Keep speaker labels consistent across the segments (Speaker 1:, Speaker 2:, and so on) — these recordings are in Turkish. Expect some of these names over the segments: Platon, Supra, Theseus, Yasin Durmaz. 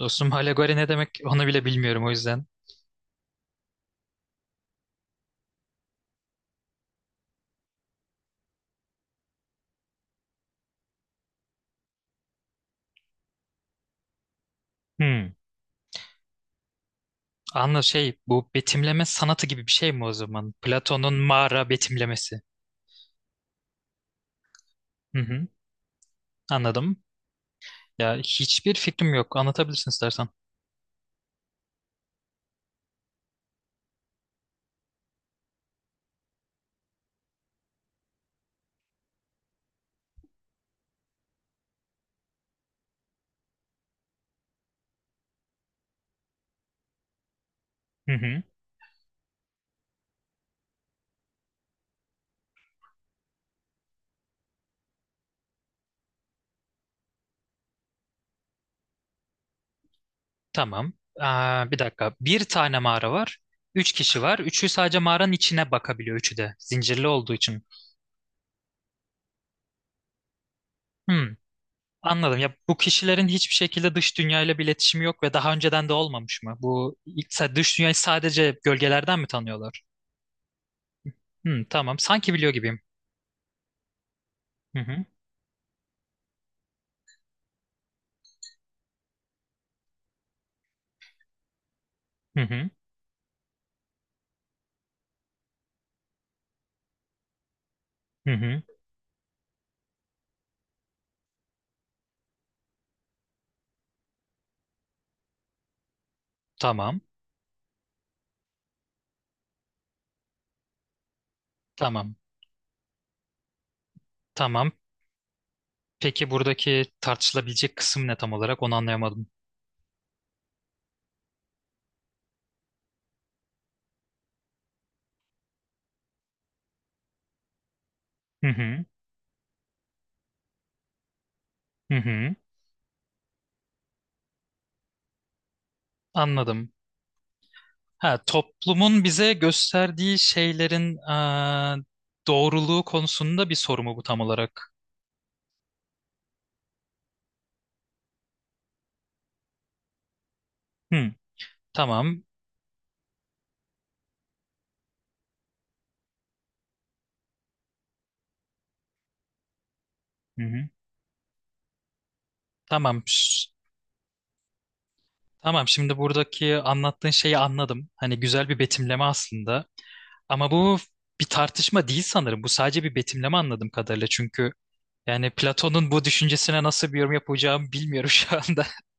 Speaker 1: Dostum alegori ne demek onu bile bilmiyorum o yüzden. Hmm. Şey, bu betimleme sanatı gibi bir şey mi o zaman? Platon'un mağara betimlemesi. Hı hı. Anladım. Ya hiçbir fikrim yok. Anlatabilirsin istersen. Hı hı. Tamam. Aa, bir dakika. Bir tane mağara var. Üç kişi var. Üçü sadece mağaranın içine bakabiliyor. Üçü de. Zincirli olduğu için. Hmm. Anladım. Ya bu kişilerin hiçbir şekilde dış dünyayla bir iletişimi yok ve daha önceden de olmamış mı? Dış dünyayı sadece gölgelerden mi tanıyorlar? Hı, tamam. Sanki biliyor gibiyim. Hı hı. Hı hı. Hı hı. Tamam. Tamam. Tamam. Peki buradaki tartışılabilecek kısım ne tam olarak? Onu anlayamadım. Hı hı. Hı hı. Anladım. Ha, toplumun bize gösterdiği şeylerin doğruluğu konusunda bir soru mu bu tam olarak? Hı. Tamam. Hı hı. Tamam. Tamam. Şimdi buradaki anlattığın şeyi anladım. Hani güzel bir betimleme aslında. Ama bu bir tartışma değil sanırım. Bu sadece bir betimleme anladığım kadarıyla. Çünkü yani Platon'un bu düşüncesine nasıl bir yorum yapacağımı bilmiyorum şu anda.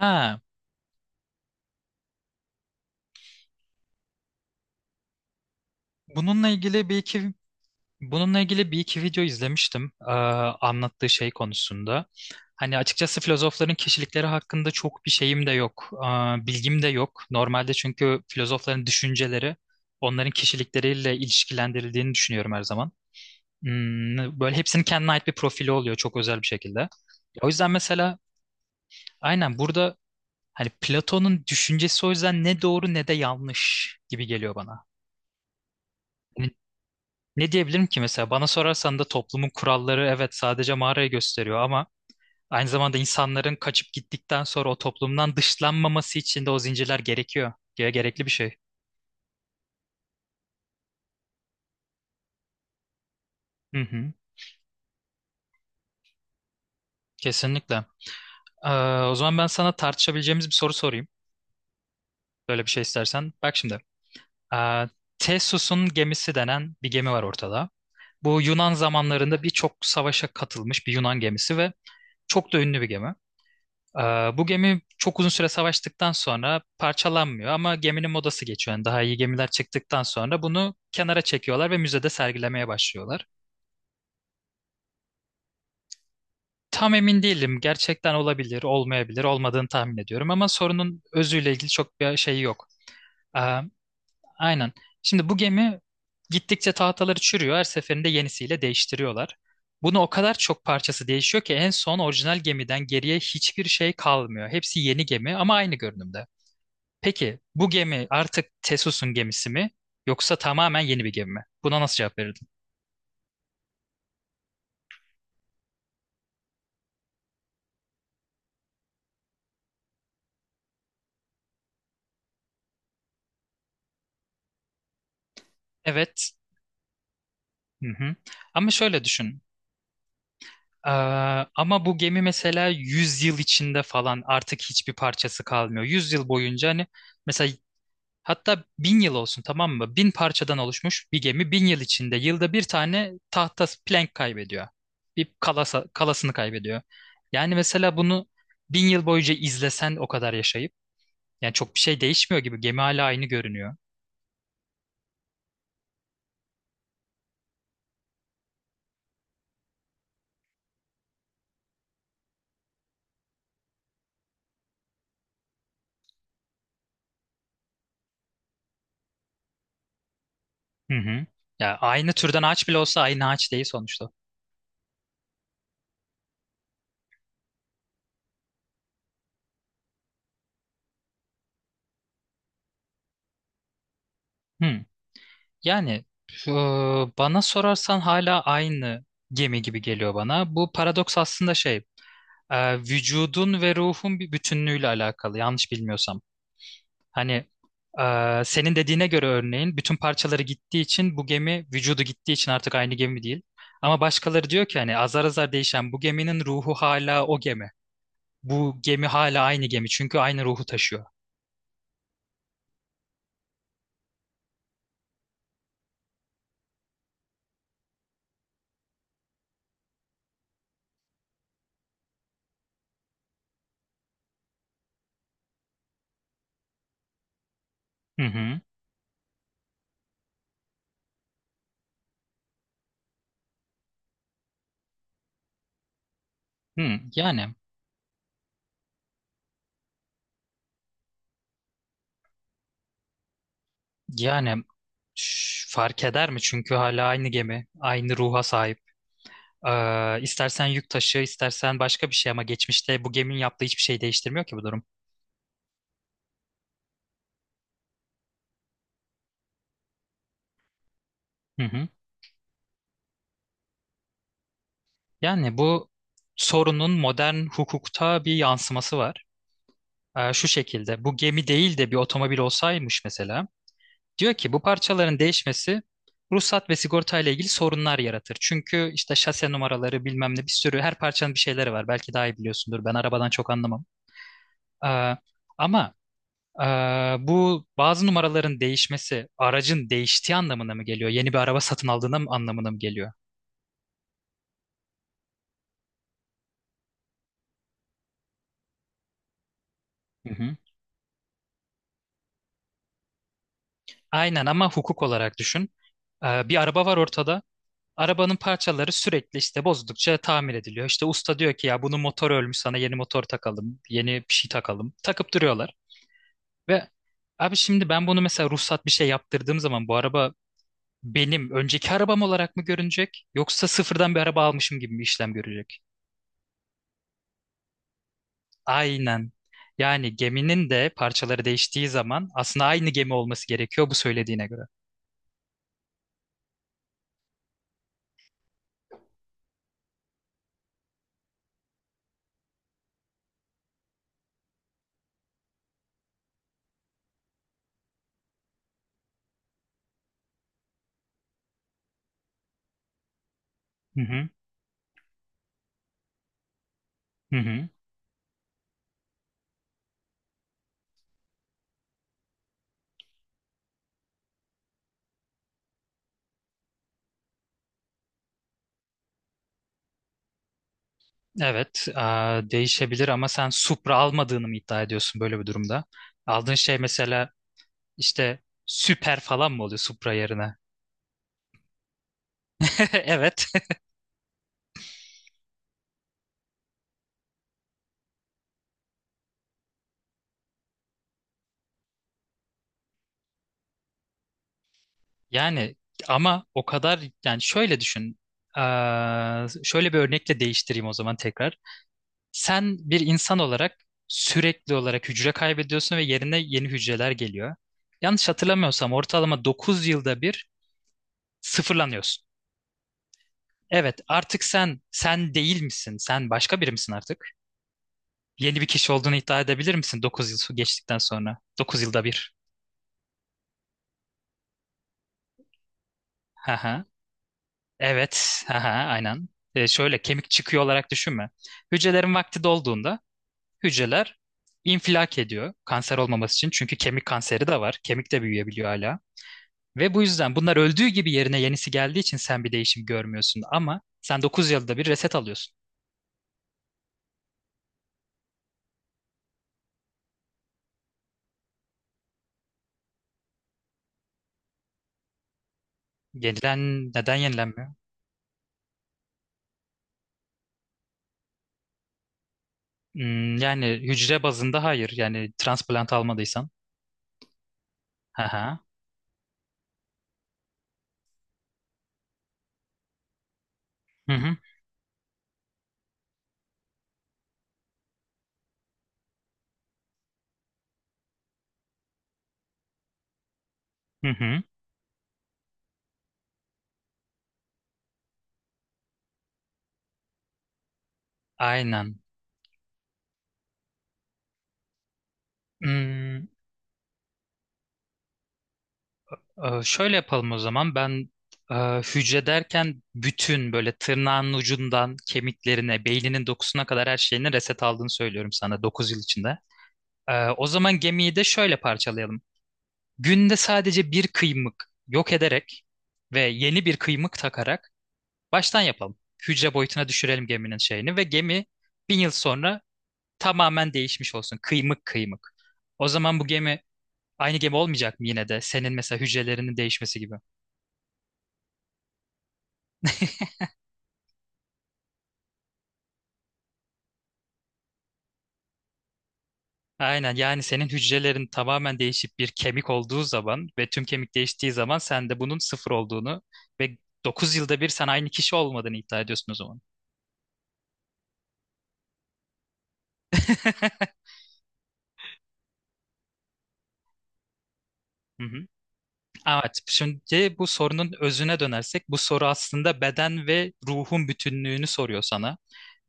Speaker 1: Ha, bununla ilgili bir iki bununla ilgili bir iki video izlemiştim, anlattığı şey konusunda. Hani açıkçası filozofların kişilikleri hakkında çok bir şeyim de yok, bilgim de yok. Normalde çünkü filozofların düşünceleri onların kişilikleriyle ilişkilendirildiğini düşünüyorum her zaman. Böyle hepsinin kendine ait bir profili oluyor çok özel bir şekilde. O yüzden mesela, aynen burada, hani Platon'un düşüncesi o yüzden ne doğru ne de yanlış gibi geliyor bana. Hani ne diyebilirim ki mesela, bana sorarsan da toplumun kuralları evet sadece mağarayı gösteriyor ama aynı zamanda insanların kaçıp gittikten sonra o toplumdan dışlanmaması için de o zincirler gerekiyor. Gerekli bir şey. Hı hı, kesinlikle. Ee, o zaman ben sana tartışabileceğimiz bir soru sorayım. Böyle bir şey istersen. Bak şimdi. Ee, Theseus'un gemisi denen bir gemi var ortada. Bu Yunan zamanlarında birçok savaşa katılmış bir Yunan gemisi ve çok da ünlü bir gemi. Ee, bu gemi çok uzun süre savaştıktan sonra parçalanmıyor ama geminin modası geçiyor. Yani daha iyi gemiler çıktıktan sonra bunu kenara çekiyorlar ve müzede sergilemeye başlıyorlar. Tam emin değilim. Gerçekten olabilir, olmayabilir, olmadığını tahmin ediyorum ama sorunun özüyle ilgili çok bir şey yok. Ee, aynen. Şimdi bu gemi gittikçe tahtaları çürüyor. Her seferinde yenisiyle değiştiriyorlar. Bunu o kadar çok parçası değişiyor ki en son orijinal gemiden geriye hiçbir şey kalmıyor. Hepsi yeni gemi ama aynı görünümde. Peki bu gemi artık Tesus'un gemisi mi yoksa tamamen yeni bir gemi mi? Buna nasıl cevap verirdin? Evet. Hı hı. Ama şöyle düşün. Ee, ama bu gemi mesela 100 yıl içinde falan artık hiçbir parçası kalmıyor. 100 yıl boyunca, hani mesela hatta 1.000 yıl olsun, tamam mı? 1.000 parçadan oluşmuş bir gemi 1.000 yıl içinde yılda bir tane tahta plank kaybediyor. Kalasını kaybediyor. Yani mesela bunu 1.000 yıl boyunca izlesen o kadar yaşayıp, yani çok bir şey değişmiyor gibi. Gemi hala aynı görünüyor. Hı hı. Ya aynı türden ağaç bile olsa aynı ağaç değil sonuçta. Hı. Yani e, bana sorarsan hala aynı gemi gibi geliyor bana. Bu paradoks aslında şey, vücudun ve ruhun bir bütünlüğüyle alakalı yanlış bilmiyorsam. Hani senin dediğine göre örneğin bütün parçaları gittiği için bu gemi vücudu gittiği için artık aynı gemi değil. Ama başkaları diyor ki hani azar azar değişen bu geminin ruhu hala o gemi. Bu gemi hala aynı gemi çünkü aynı ruhu taşıyor. Hı hı. Hı. Yani, fark eder mi? Çünkü hala aynı gemi, aynı ruha sahip. İstersen yük taşı, istersen başka bir şey, ama geçmişte bu geminin yaptığı hiçbir şey değiştirmiyor ki bu durum. Hı hı. Yani bu sorunun modern hukukta bir yansıması var. Şu şekilde bu gemi değil de bir otomobil olsaymış mesela. Diyor ki bu parçaların değişmesi ruhsat ve sigorta ile ilgili sorunlar yaratır. Çünkü işte şase numaraları bilmem ne, bir sürü her parçanın bir şeyleri var. Belki daha iyi biliyorsundur. Ben arabadan çok anlamam. Ee, ama bu bazı numaraların değişmesi aracın değiştiği anlamına mı geliyor? Yeni bir araba satın aldığına mı, anlamına mı geliyor? Hı hı. Aynen ama hukuk olarak düşün. Bir araba var ortada. Arabanın parçaları sürekli işte bozdukça tamir ediliyor. İşte usta diyor ki ya bunun motoru ölmüş, sana yeni motor takalım, yeni bir şey takalım. Takıp duruyorlar. Ve abi şimdi ben bunu mesela ruhsat bir şey yaptırdığım zaman bu araba benim önceki arabam olarak mı görünecek yoksa sıfırdan bir araba almışım gibi mi işlem görecek? Aynen. Yani geminin de parçaları değiştiği zaman aslında aynı gemi olması gerekiyor bu söylediğine göre. Hı hı. Hı hı. Evet, değişebilir ama sen Supra almadığını mı iddia ediyorsun böyle bir durumda? Aldığın şey mesela işte süper falan mı oluyor Supra yerine? Evet. Yani, ama o kadar, yani şöyle düşün. Şöyle bir örnekle değiştireyim o zaman tekrar. Sen bir insan olarak sürekli olarak hücre kaybediyorsun ve yerine yeni hücreler geliyor. Yanlış hatırlamıyorsam ortalama 9 yılda bir sıfırlanıyorsun. Evet, artık sen sen değil misin? Sen başka biri misin artık? Yeni bir kişi olduğunu iddia edebilir misin 9 yıl geçtikten sonra? 9 yılda bir. Haha. Evet. Haha, aynen. Şöyle kemik çıkıyor olarak düşünme. Hücrelerin vakti dolduğunda hücreler infilak ediyor, kanser olmaması için. Çünkü kemik kanseri de var. Kemik de büyüyebiliyor hala. Ve bu yüzden bunlar öldüğü gibi yerine yenisi geldiği için sen bir değişim görmüyorsun. Ama sen 9 yılda bir reset alıyorsun. Yenilen neden yenilenmiyor? Yani hücre bazında hayır. Yani transplant almadıysan. Haha. Hı hı. Hı hı. Hı. Aynen. Hmm, şöyle yapalım o zaman. Ben e, hücre derken bütün böyle tırnağın ucundan kemiklerine, beyninin dokusuna kadar her şeyini reset aldığını söylüyorum sana, 9 yıl içinde. O zaman gemiyi de şöyle parçalayalım. Günde sadece bir kıymık yok ederek ve yeni bir kıymık takarak baştan yapalım. Hücre boyutuna düşürelim geminin şeyini ve gemi 1.000 yıl sonra tamamen değişmiş olsun. Kıymık kıymık. O zaman bu gemi aynı gemi olmayacak mı yine de? Senin mesela hücrelerinin değişmesi gibi. Aynen, yani senin hücrelerin tamamen değişip bir kemik olduğu zaman ve tüm kemik değiştiği zaman sen de bunun sıfır olduğunu ve 9 yılda bir sen aynı kişi olmadığını iddia ediyorsun o zaman. Hı hı. Evet, şimdi bu sorunun özüne dönersek, bu soru aslında beden ve ruhun bütünlüğünü soruyor sana.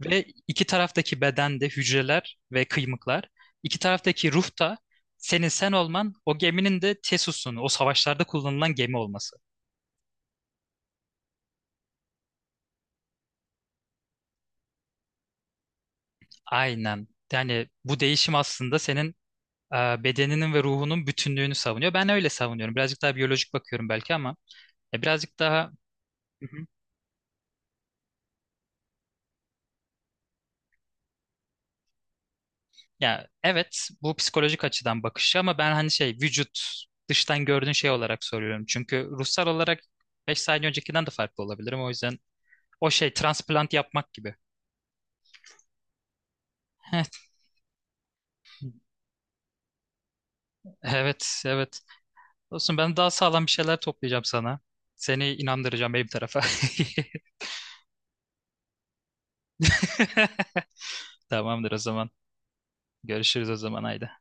Speaker 1: Ve iki taraftaki bedende hücreler ve kıymıklar, iki taraftaki ruh da senin sen olman, o geminin de Theseus'un, o savaşlarda kullanılan gemi olması. Aynen. Yani bu değişim aslında senin bedeninin ve ruhunun bütünlüğünü savunuyor. Ben öyle savunuyorum. Birazcık daha biyolojik bakıyorum belki ama birazcık daha... Ya evet, bu psikolojik açıdan bakışı ama ben hani şey, vücut dıştan gördüğün şey olarak soruyorum. Çünkü ruhsal olarak 5 saniye öncekinden de farklı olabilirim. O yüzden o şey transplant yapmak gibi. Evet, evet. Evet. Olsun, ben daha sağlam bir şeyler toplayacağım sana. Seni inandıracağım benim tarafa. Tamamdır o zaman. Görüşürüz o zaman, haydi.